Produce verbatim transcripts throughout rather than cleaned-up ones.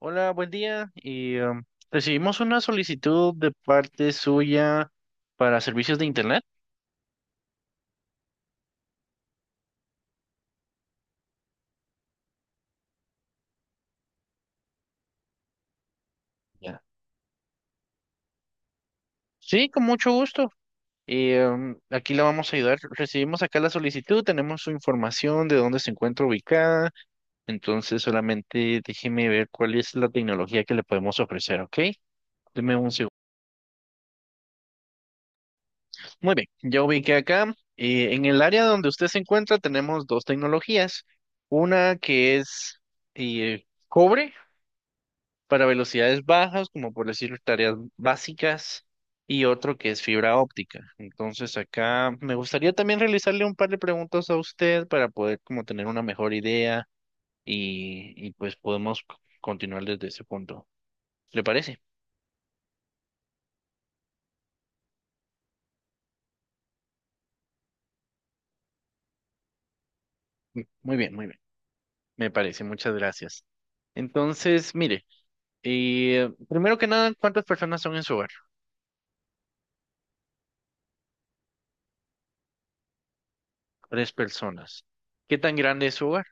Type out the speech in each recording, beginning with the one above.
Hola, buen día. Y, um, recibimos una solicitud de parte suya para servicios de internet. Ya. Sí, con mucho gusto. Y, um, aquí la vamos a ayudar. Recibimos acá la solicitud, tenemos su información de dónde se encuentra ubicada. Entonces, solamente déjeme ver cuál es la tecnología que le podemos ofrecer, ¿ok? Deme un segundo. Muy bien, ya ubiqué acá. Eh, en el área donde usted se encuentra tenemos dos tecnologías. Una que es eh, cobre para velocidades bajas, como por decir tareas básicas, y otro que es fibra óptica. Entonces acá me gustaría también realizarle un par de preguntas a usted para poder como tener una mejor idea y, y pues podemos c- continuar desde ese punto. ¿Le parece? Muy bien, muy bien. Me parece, muchas gracias. Entonces, mire, eh, primero que nada, ¿cuántas personas son en su hogar? Tres personas. ¿Qué tan grande es su hogar?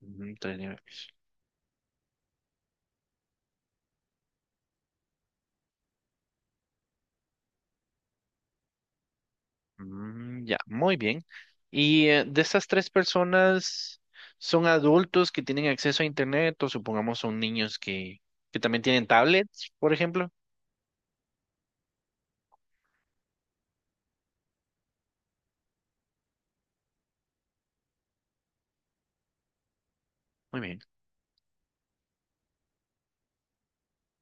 Ujú, tres niveles. Mm, ya, muy bien. Y eh, de estas tres personas, ¿son adultos que tienen acceso a Internet o supongamos son niños que, que también tienen tablets, por ejemplo? Muy bien.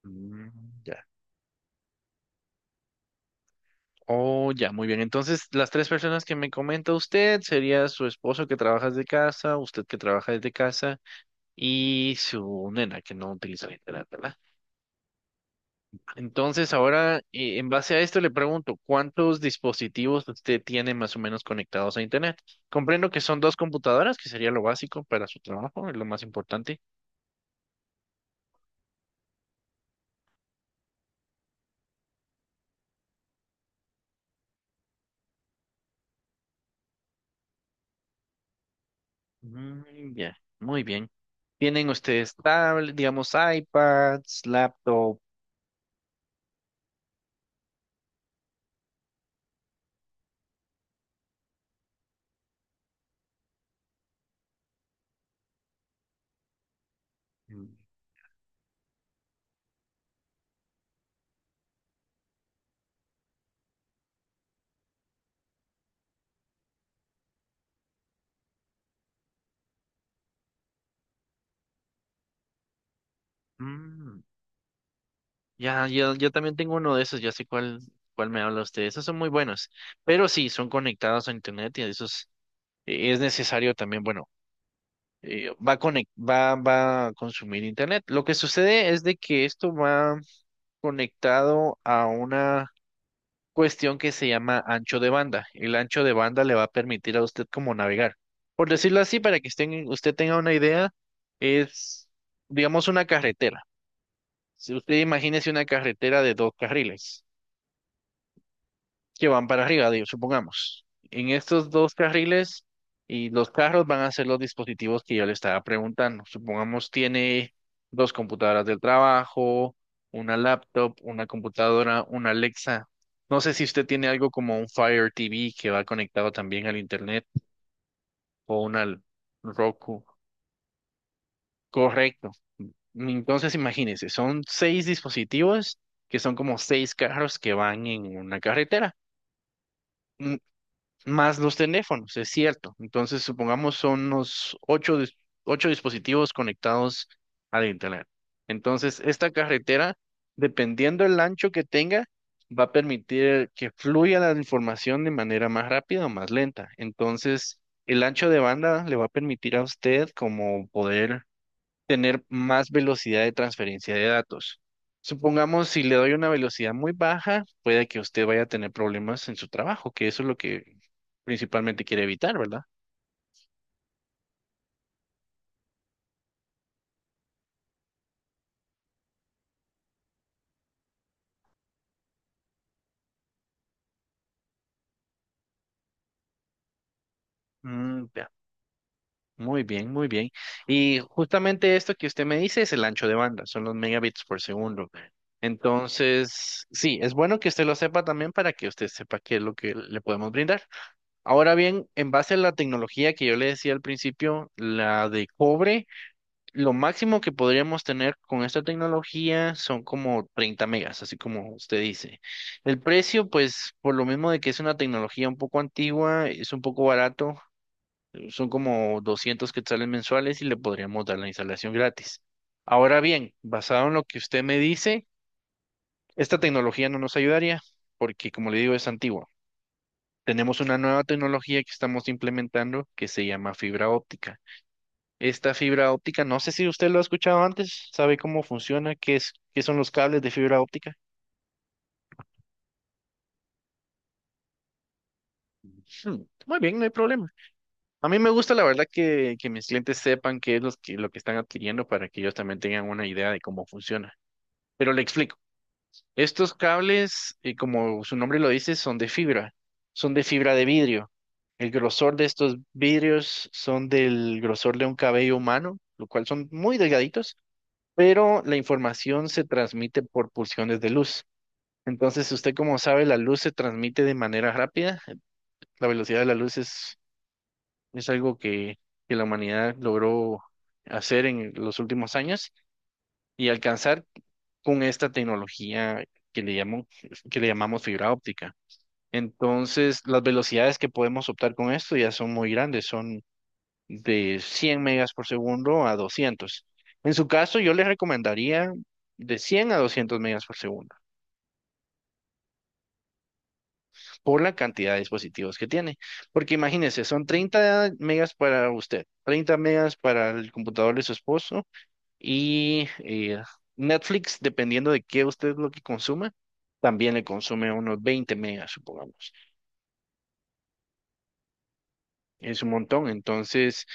Mm, ya. Oh, ya, muy bien. Entonces, las tres personas que me comenta usted sería su esposo que trabaja desde casa, usted que trabaja desde casa y su nena que no utiliza el Internet, ¿verdad? Entonces, ahora, eh, en base a esto, le pregunto, ¿cuántos dispositivos usted tiene más o menos conectados a Internet? Comprendo que son dos computadoras, que sería lo básico para su trabajo, es lo más importante. Mm, ya, muy bien. ¿Tienen ustedes tablet, digamos, iPads, laptop? Mm, mm. Ya, yo, yo también tengo uno de esos, ya sé cuál, cuál me habla usted. Esos son muy buenos, pero sí, son conectados a Internet y esos es, es necesario también, bueno. eh, va a conec- va, va a consumir internet. Lo que sucede es de que esto va conectado a una cuestión que se llama ancho de banda. El ancho de banda le va a permitir a usted como navegar. Por decirlo así, para que estén- usted tenga una idea, es, digamos, una carretera. Si usted imagínese una carretera de dos carriles. Que van para arriba, digo, supongamos. En estos dos carriles y los carros van a ser los dispositivos que yo le estaba preguntando. Supongamos tiene dos computadoras del trabajo, una laptop, una computadora, una Alexa. No sé si usted tiene algo como un Fire T V que va conectado también al internet o una L- Roku. Correcto. Entonces imagínense, son seis dispositivos que son como seis carros que van en una carretera. Más los teléfonos, es cierto. Entonces, supongamos son unos ocho, dis- ocho dispositivos conectados al Internet. Entonces, esta carretera, dependiendo del ancho que tenga, va a permitir que fluya la información de manera más rápida o más lenta. Entonces, el ancho de banda le va a permitir a usted como poder tener más velocidad de transferencia de datos. Supongamos, si le doy una velocidad muy baja, puede que usted vaya a tener problemas en su trabajo, que eso es lo que principalmente quiere evitar, ¿verdad? Mm, ya. Muy bien, muy bien. Y justamente esto que usted me dice es el ancho de banda, son los megabits por segundo. Entonces, sí, es bueno que usted lo sepa también para que usted sepa qué es lo que le podemos brindar. Ahora bien, en base a la tecnología que yo le decía al principio, la de cobre. Lo máximo que podríamos tener con esta tecnología son como treinta megas, así como usted dice. El precio, pues, por lo mismo de que es una tecnología un poco antigua, es un poco barato, son como doscientos quetzales mensuales y le podríamos dar la instalación gratis. Ahora bien, basado en lo que usted me dice, esta tecnología no nos ayudaría porque, como le digo, es antigua. Tenemos una nueva tecnología que estamos implementando que se llama fibra óptica. Esta fibra óptica, no sé si usted lo ha escuchado antes, sabe cómo funciona, qué es, qué son los cables de fibra óptica. Hmm, muy bien, no hay problema. A mí me gusta, la verdad, que, que mis clientes sepan qué es los que, lo que están adquiriendo para que ellos también tengan una idea de cómo funciona. Pero le explico. Estos cables, eh, como su nombre lo dice, son de fibra, son de fibra de vidrio. El grosor de estos vidrios son del grosor de un cabello humano, lo cual son muy delgaditos, pero la información se transmite por pulsiones de luz. Entonces, usted como sabe, la luz se transmite de manera rápida. La velocidad de la luz es, es algo que, que la humanidad logró hacer en los últimos años y alcanzar con esta tecnología que le llamó- que le llamamos fibra óptica. Entonces, las velocidades que podemos optar con esto ya son muy grandes, son de cien megas por segundo a doscientos. En su caso, yo le recomendaría de cien a doscientos megas por segundo. Por la cantidad de dispositivos que tiene. Porque imagínese, son treinta megas para usted, treinta megas para el computador de su esposo y eh, Netflix, dependiendo de qué usted lo que consuma, también le consume unos veinte megas, supongamos. Es un montón. Entonces,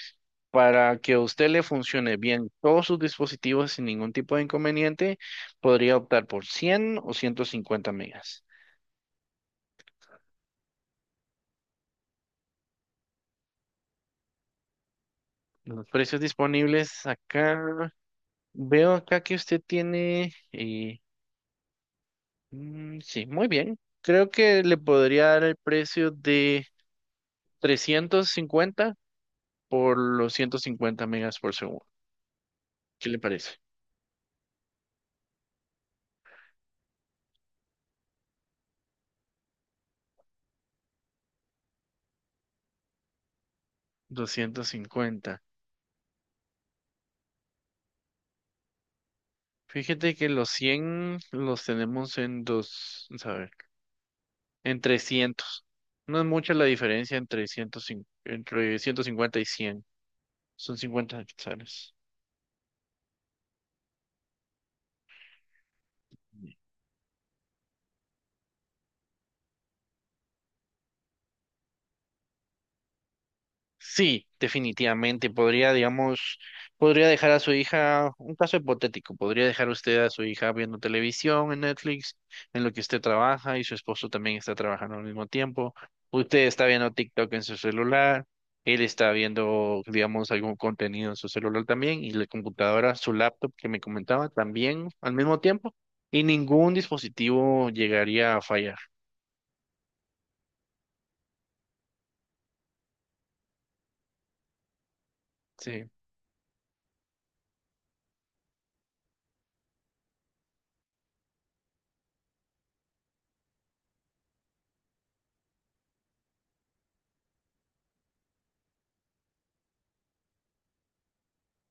para que a usted le funcione bien todos sus dispositivos sin ningún tipo de inconveniente, podría optar por cien o ciento cincuenta megas. Los precios disponibles acá. Veo acá que usted tiene... eh, mm, sí, muy bien. Creo que le podría dar el precio de trescientos cincuenta por los ciento cincuenta megas por segundo. ¿Qué le parece? Doscientos cincuenta. Fíjate que los cien los tenemos en dos, vamos a ver, en trescientos. No es mucha la diferencia entre, ciento cincuenta entre ciento cincuenta y cien. Son cincuenta quetzales. Sí, definitivamente podría, digamos, podría dejar a su hija, un caso hipotético, podría dejar usted a su hija viendo televisión en Netflix, en lo que usted trabaja y su esposo también está trabajando al mismo tiempo. Usted está viendo TikTok en su celular, él está viendo, digamos, algún contenido en su celular también y la computadora, su laptop que me comentaba también al mismo tiempo y ningún dispositivo llegaría a fallar. Sí.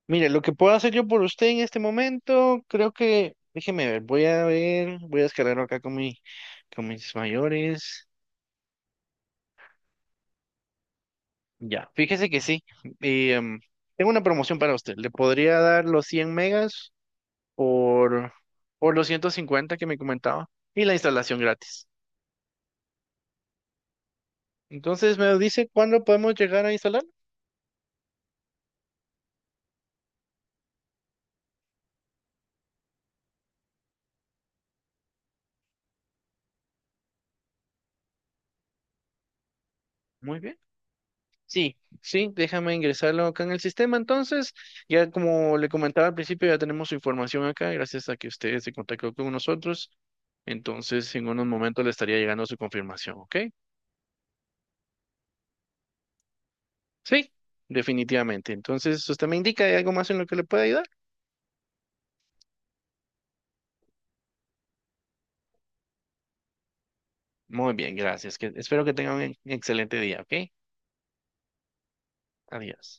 Mire, lo que puedo hacer yo por usted en este momento, creo que, déjeme ver, voy a ver, voy a descargarlo acá con mi, con mis mayores. Ya, fíjese que sí. y, em, tengo una promoción para usted. ¿Le podría dar los cien megas por, por los ciento cincuenta que me comentaba? Y la instalación gratis. Entonces me dice cuándo podemos llegar a instalar. Muy bien. Sí, sí, déjame ingresarlo acá en el sistema. Entonces, ya como le comentaba al principio, ya tenemos su información acá, gracias a que usted se contactó con nosotros. Entonces, en unos momentos le estaría llegando su confirmación, ¿ok? Sí, definitivamente. Entonces, usted me indica, ¿hay algo más en lo que le pueda ayudar? Muy bien, gracias. Que, espero que tenga un excelente día, ¿ok? Adiós.